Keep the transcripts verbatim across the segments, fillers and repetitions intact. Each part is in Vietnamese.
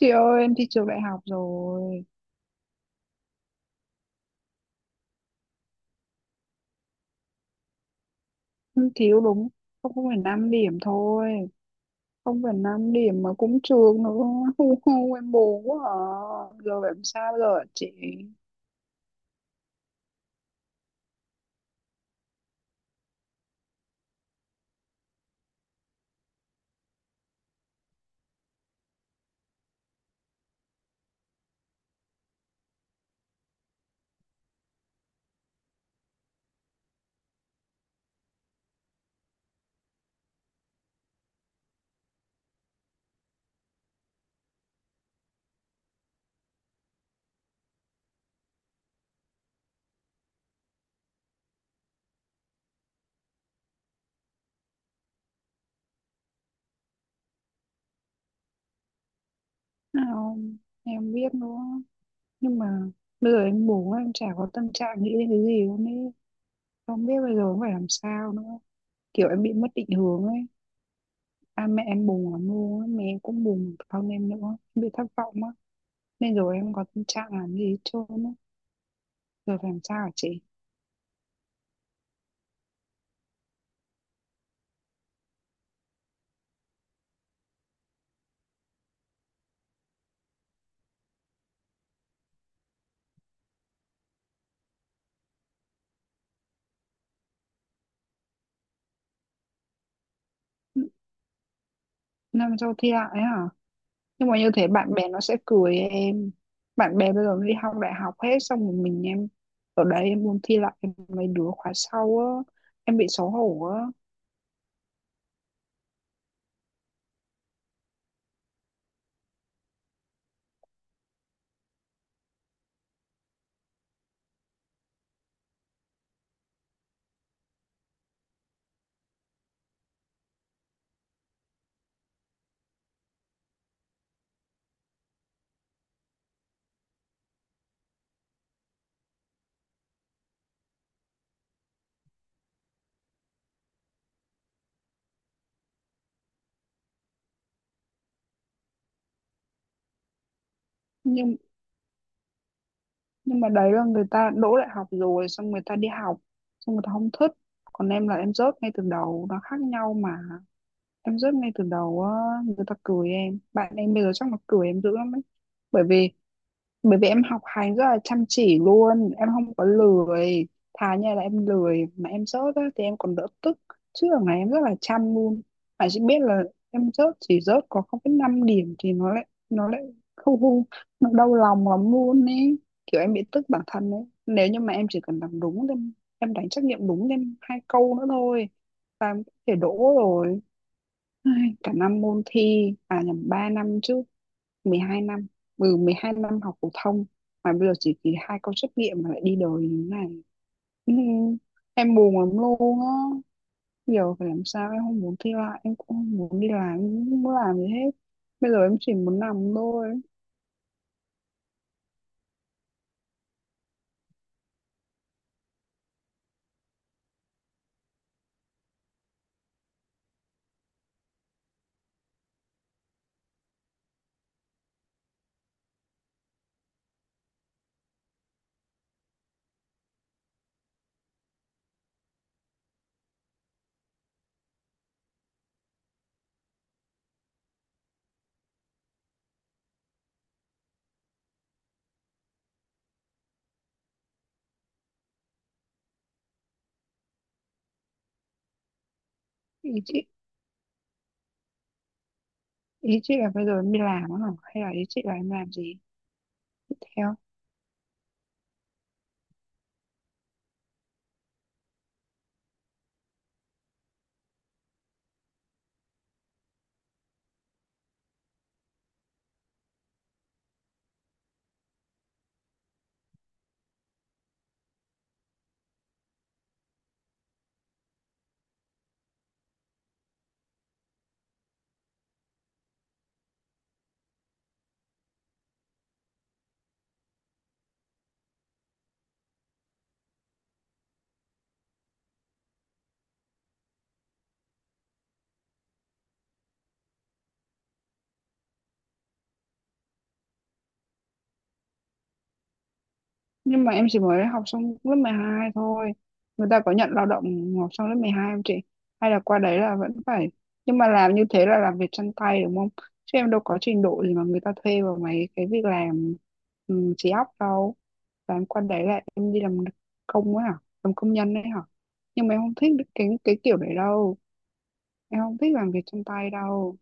Chị ơi, em thi trường đại học rồi. Em thiếu đúng không phẩy năm điểm thôi, không phẩy năm điểm mà cũng trường nữa. Hu hu, em buồn quá à. Giờ phải làm sao bây giờ hả chị? Nào em biết nữa. Nhưng mà bây giờ em buồn quá, em chả có tâm trạng nghĩ đến cái gì luôn ấy. Không biết bây giờ phải làm sao nữa. Kiểu em bị mất định hướng ấy. À, mẹ em buồn lắm luôn á. Mẹ em cũng buồn thân em nữa. Em bị thất vọng á. Nên rồi em có tâm trạng làm gì hết trơn á. Giờ phải làm sao hả chị? Nam châu thi lại ấy hả? Nhưng mà như thế bạn bè nó sẽ cười em. Bạn bè bây giờ nó đi học đại học hết xong rồi mình em ở đấy em muốn thi lại mấy đứa khóa sau á, em bị xấu hổ á. Nhưng nhưng mà đấy là người ta đỗ đại học rồi xong người ta đi học xong người ta không thích. Còn em là em rớt ngay từ đầu, nó khác nhau mà. Em rớt ngay từ đầu á, người ta cười em. Bạn em bây giờ chắc là cười em dữ lắm ấy. Bởi vì bởi vì em học hành rất là chăm chỉ luôn, em không có lười, thà như là em lười mà em rớt á thì em còn đỡ tức, chứ ở này em rất là chăm luôn, mà chỉ biết là em rớt chỉ rớt có không phẩy năm điểm thì nó lại nó lại không không, nó đau lòng lắm luôn ấy, kiểu em bị tức bản thân ấy. Nếu như mà em chỉ cần làm đúng thì em đánh trắc nghiệm đúng thêm hai câu nữa thôi là em có thể đỗ rồi. Ai, cả năm môn thi, à nhầm, ba năm chứ, mười hai năm, ừ, mười hai năm học phổ thông mà bây giờ chỉ kỳ hai câu trắc nghiệm mà lại đi đời như thế này. Ừ, em buồn lắm luôn á. Giờ phải làm sao, em không muốn thi lại, em cũng không muốn đi làm, em không muốn làm gì hết. Bây giờ em chỉ muốn nằm thôi. Ý chị, ý chị là bây giờ em đi làm á hả? Hay là ý chị là em làm gì tiếp theo? Nhưng mà em chỉ mới học xong lớp mười hai thôi, người ta có nhận lao động học xong lớp mười hai không chị? Hay là qua đấy là vẫn phải, nhưng mà làm như thế là làm việc chân tay đúng không? Chứ em đâu có trình độ gì mà người ta thuê vào mấy cái việc làm um, trí óc đâu. Và em qua đấy là em đi làm công ấy hả, làm công nhân đấy hả? Nhưng mà em không thích cái cái kiểu đấy đâu, em không thích làm việc chân tay đâu.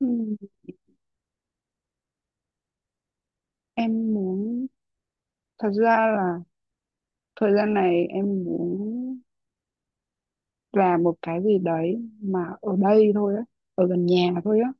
Ừm, em muốn, thật ra là thời gian này em muốn là một cái gì đấy mà ở đây thôi á, ở gần nhà thôi á,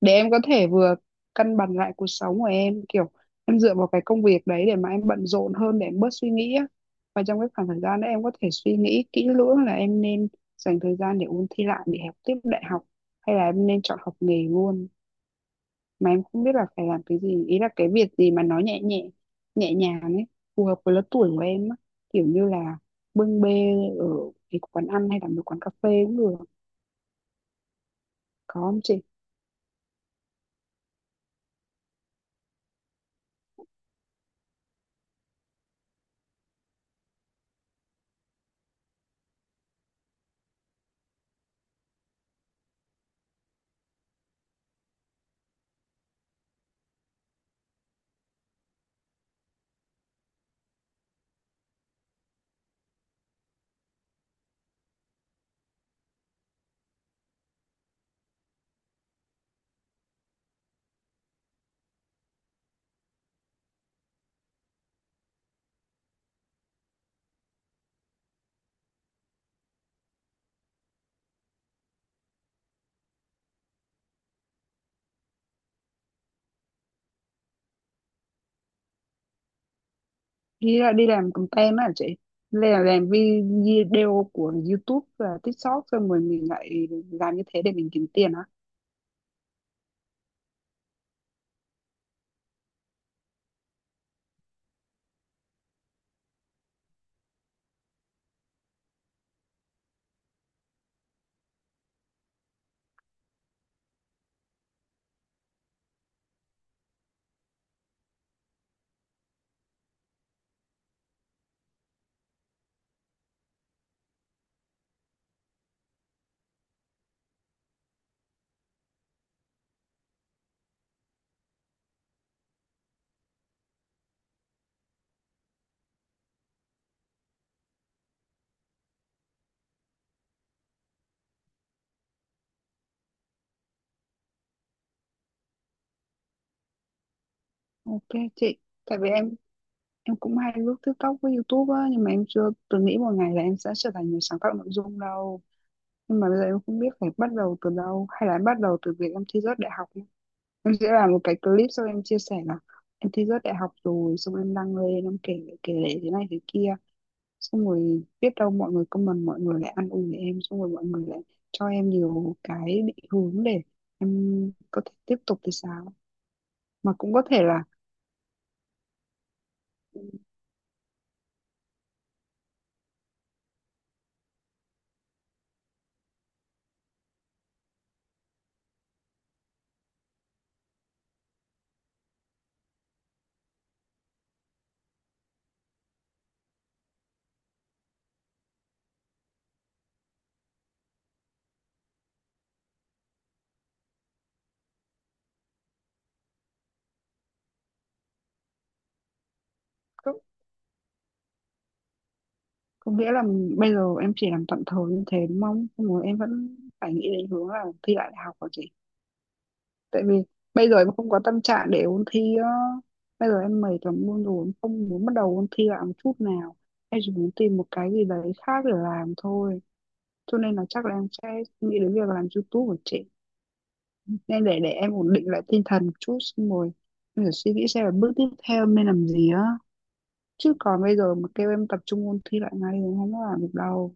để em có thể vừa cân bằng lại cuộc sống của em, kiểu em dựa vào cái công việc đấy để mà em bận rộn hơn, để em bớt suy nghĩ á, và trong cái khoảng thời gian đó em có thể suy nghĩ kỹ lưỡng là em nên dành thời gian để ôn thi lại để học tiếp đại học hay là em nên chọn học nghề luôn. Mà em không biết là phải làm cái gì, ý là cái việc gì mà nó nhẹ nhẹ, nhẹ nhàng ấy, phù hợp với lứa tuổi của em á, kiểu như là bưng bê ở cái quán ăn hay là một quán cà phê cũng được, có không chị? Đi ra đi làm content á hả chị? Làm làm vi- video của YouTube và TikTok xong rồi mình lại làm như thế để mình kiếm tiền hả? Ok chị. Tại vì em em cũng hay lướt TikTok với YouTube á nhưng mà em chưa từng nghĩ một ngày là em sẽ trở thành người sáng tạo nội dung đâu. Nhưng mà bây giờ em không biết phải bắt đầu từ đâu, hay là em bắt đầu từ việc em thi rớt đại học nhá. Em sẽ làm một cái clip xong em chia sẻ là em thi rớt đại học rồi xong em đăng lên em kể kể lể thế này thế kia, xong rồi biết đâu mọi người comment, mọi người lại ăn uổi em, xong rồi mọi người lại cho em nhiều cái định hướng để em có thể tiếp tục thì sao, mà cũng có thể là có, có nghĩa là bây giờ em chỉ làm tạm thời như thế đúng không, xong rồi em vẫn phải nghĩ đến hướng là thi lại đại học rồi chị. Tại vì bây giờ em không có tâm trạng để ôn thi á, bây giờ em mệt lắm luôn rồi, em không muốn bắt đầu ôn thi lại một chút nào, em chỉ muốn tìm một cái gì đấy khác để làm thôi. Cho nên là chắc là em sẽ nghĩ đến việc làm YouTube của chị, nên để để em ổn định lại tinh thần một chút xong rồi em phải suy nghĩ xem là bước tiếp theo em nên làm gì á, chứ còn bây giờ mà kêu em tập trung ôn thi lại ngay thì em không có làm được đâu.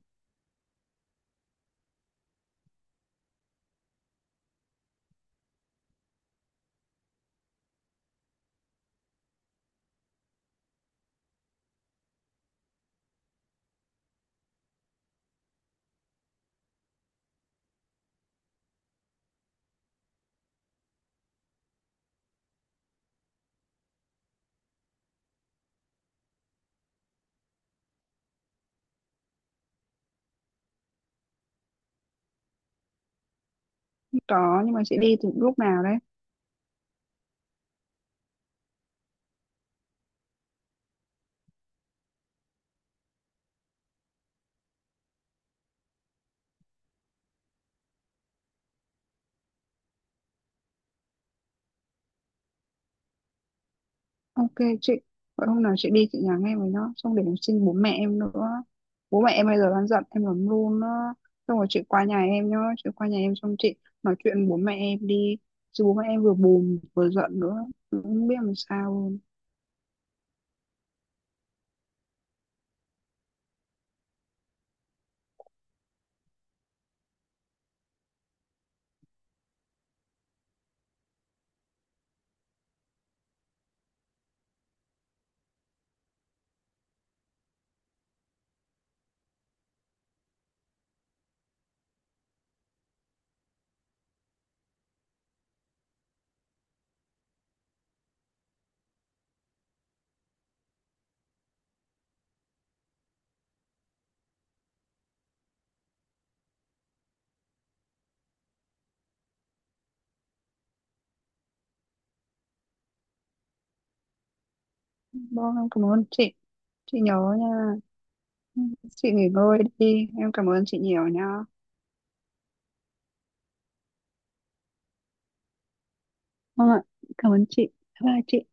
Không có nhưng mà chị đi từ lúc nào đấy? Ok chị, vậy hôm nào chị đi chị nhắn em với nó xong để em xin bố mẹ em nữa, bố mẹ em bây giờ đang giận em lắm luôn á. Xong rồi chị qua nhà em nhá, chị qua nhà em xong chị nói chuyện với bố mẹ em đi, chứ bố mẹ em vừa buồn vừa giận nữa, em không biết làm sao luôn. Vâng, em cảm ơn chị. Chị nhớ nha. Ừ, chị nghỉ ngơi đi. Em cảm ơn chị nhiều nha. Vâng ạ, cảm ơn chị. Bye bye chị.